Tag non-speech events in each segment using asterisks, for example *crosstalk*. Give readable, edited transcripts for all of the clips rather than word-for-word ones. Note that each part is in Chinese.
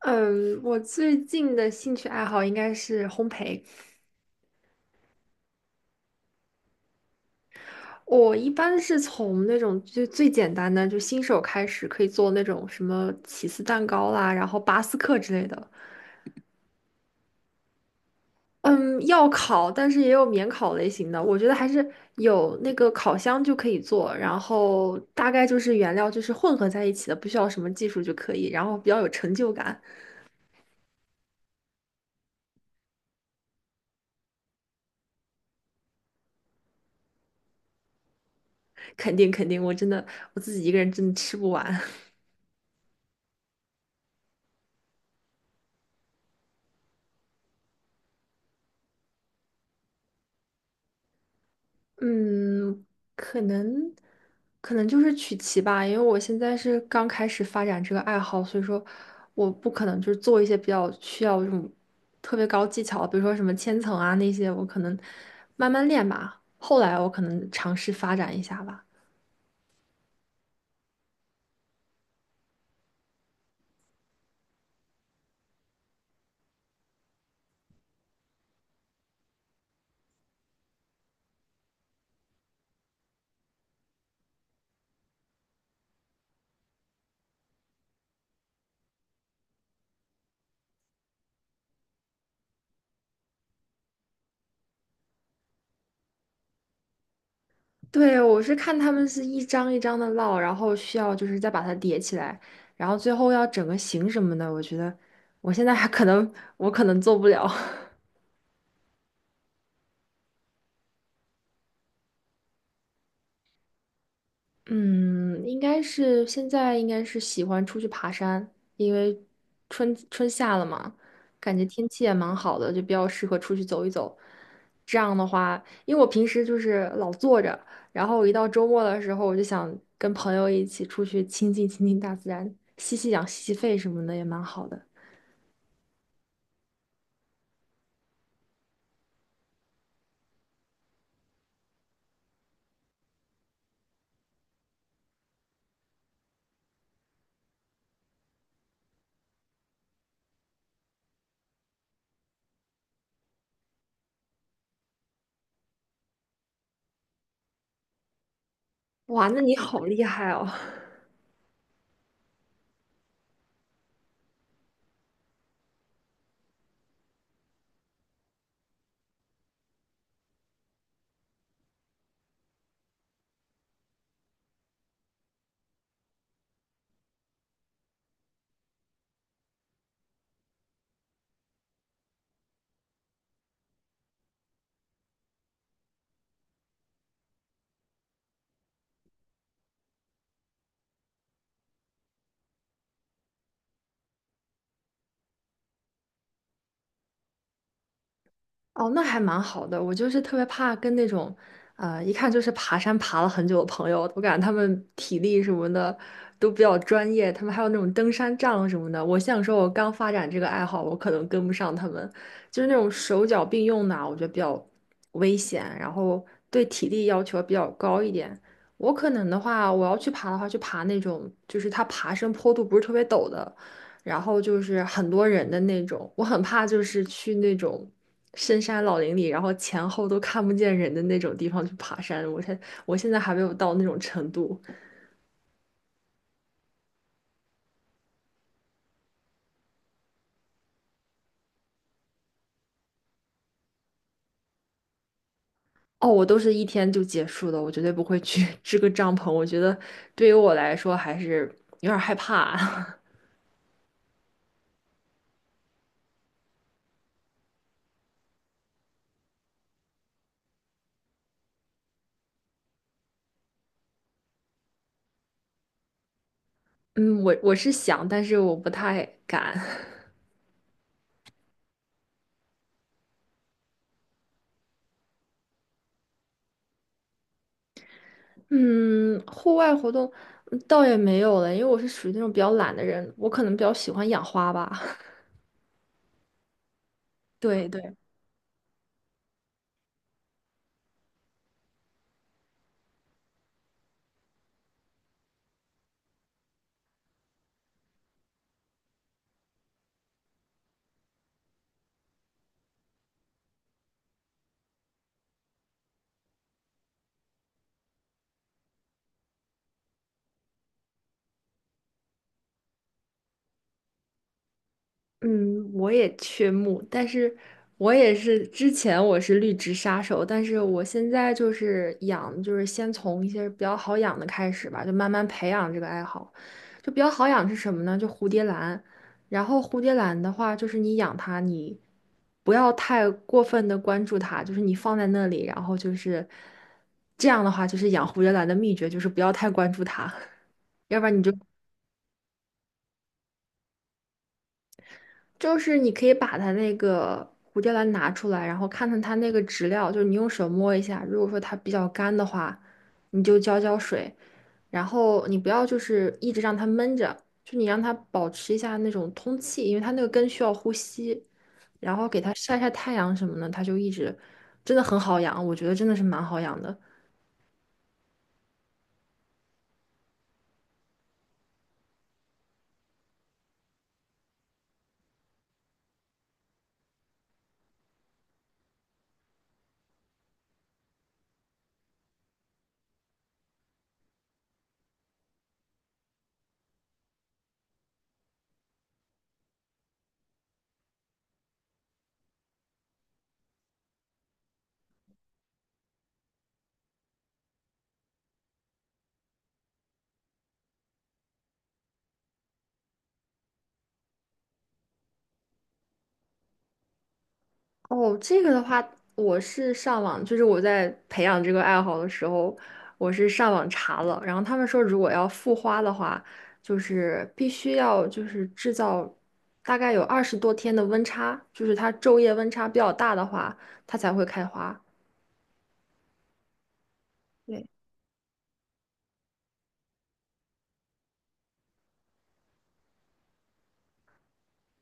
嗯，我最近的兴趣爱好应该是烘焙。我一般是从那种就最简单的，就新手开始，可以做那种什么起司蛋糕啦，然后巴斯克之类的。嗯，要烤，但是也有免烤类型的。我觉得还是有那个烤箱就可以做，然后大概就是原料就是混合在一起的，不需要什么技术就可以，然后比较有成就感。肯定肯定，我真的我自己一个人真的吃不完。嗯，可能可能就是曲奇吧，因为我现在是刚开始发展这个爱好，所以说我不可能就是做一些比较需要这种特别高技巧，比如说什么千层啊那些，我可能慢慢练吧。后来我可能尝试发展一下吧。对，我是看他们是一张一张的烙，然后需要就是再把它叠起来，然后最后要整个形什么的，我觉得我现在还可能我可能做不了。*laughs* 嗯，应该是现在应该是喜欢出去爬山，因为春夏了嘛，感觉天气也蛮好的，就比较适合出去走一走。这样的话，因为我平时就是老坐着，然后我一到周末的时候，我就想跟朋友一起出去亲近亲近大自然，吸吸氧、吸吸肺什么的也蛮好的。哇，那你好厉害哦！哦，那还蛮好的。我就是特别怕跟那种，一看就是爬山爬了很久的朋友，我感觉他们体力什么的都比较专业，他们还有那种登山杖什么的。我想说，我刚发展这个爱好，我可能跟不上他们，就是那种手脚并用的啊我觉得比较危险，然后对体力要求比较高一点。我可能的话，我要去爬的话，去爬那种就是它爬升坡度不是特别陡的，然后就是很多人的那种，我很怕就是去那种深山老林里，然后前后都看不见人的那种地方去爬山。我才，我现在还没有到那种程度。哦，我都是一天就结束的，我绝对不会去 *laughs* 支个帐篷。我觉得对于我来说还是有点害怕。*laughs* 嗯，我是想，但是我不太敢。*laughs* 嗯，户外活动嗯倒也没有了，因为我是属于那种比较懒的人，我可能比较喜欢养花吧。*laughs* 对对。嗯，我也缺木，但是我也是之前我是绿植杀手，但是我现在就是养，就是先从一些比较好养的开始吧，就慢慢培养这个爱好。就比较好养是什么呢？就蝴蝶兰。然后蝴蝶兰的话，就是你养它，你不要太过分的关注它，就是你放在那里，然后就是这样的话，就是养蝴蝶兰的秘诀就是不要太关注它。*laughs* 要不然你就就是你可以把它那个蝴蝶兰拿出来，然后看看它那个植料，就是你用手摸一下，如果说它比较干的话，你就浇浇水，然后你不要就是一直让它闷着，就你让它保持一下那种通气，因为它那个根需要呼吸，然后给它晒晒太阳什么的，它就一直真的很好养，我觉得真的是蛮好养的。哦，这个的话，我是上网，就是我在培养这个爱好的时候，我是上网查了，然后他们说，如果要复花的话，就是必须要就是制造大概有20多天的温差，就是它昼夜温差比较大的话，它才会开花。对，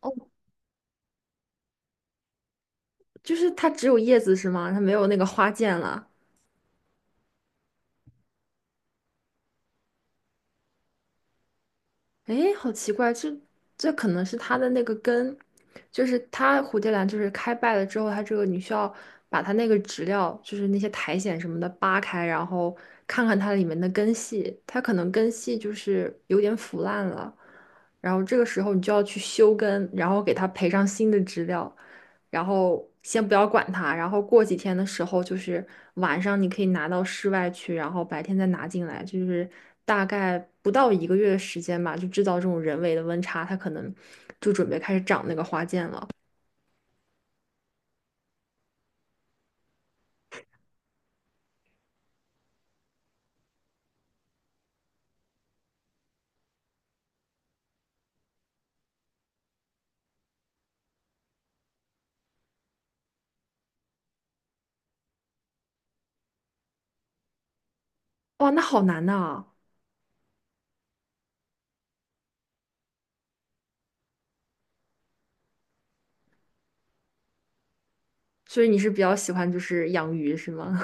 哦，就是它只有叶子是吗？它没有那个花剑了。诶，好奇怪，这可能是它的那个根，就是它蝴蝶兰就是开败了之后，它这个你需要把它那个植料，就是那些苔藓什么的扒开，然后看看它里面的根系，它可能根系就是有点腐烂了，然后这个时候你就要去修根，然后给它培上新的植料，然后先不要管它，然后过几天的时候，就是晚上你可以拿到室外去，然后白天再拿进来，就是大概不到一个月的时间吧，就制造这种人为的温差，它可能就准备开始长那个花剑了。哇，那好难呐！所以你是比较喜欢就是养鱼是吗？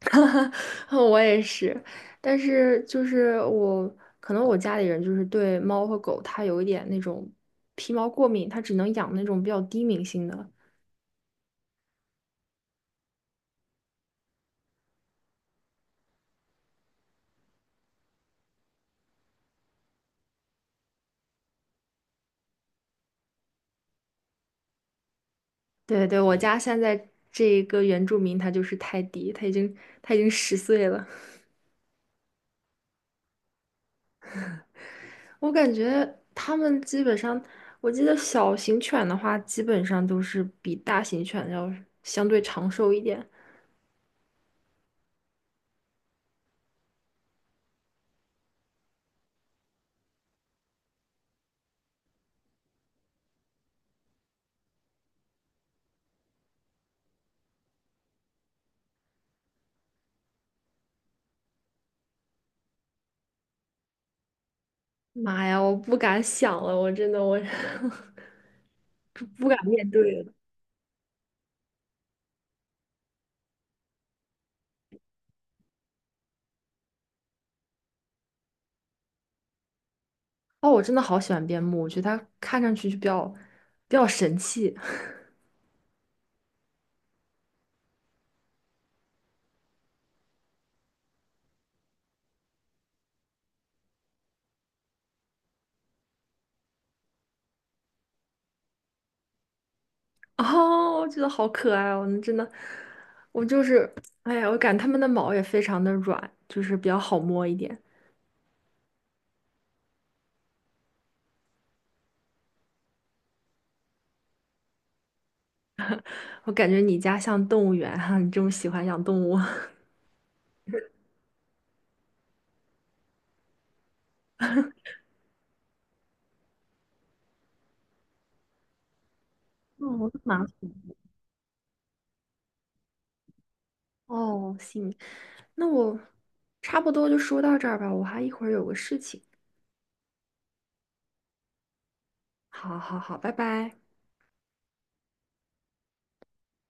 *laughs* 我也是，但是就是我可能我家里人就是对猫和狗它有一点那种皮毛过敏，它只能养那种比较低敏性的。对对，我家现在这一个原住民他就是泰迪，他已经10岁了。我感觉他们基本上，我记得小型犬的话，基本上都是比大型犬要相对长寿一点。妈呀，我不敢想了，我真的我 *laughs* 不敢面对了。哦，我真的好喜欢边牧，我觉得它看上去就比较神气。*laughs* *laughs* 哦，我觉得好可爱哦，那真的，我就是，哎呀，我感觉它们的毛也非常的软，就是比较好摸一点。我感觉你家像动物园哈，你这么喜欢养动物。*laughs* 嗯我哦，蛮 *laughs* 哦，行，那我差不多就说到这儿吧，我还一会儿有个事情。好好好，拜拜。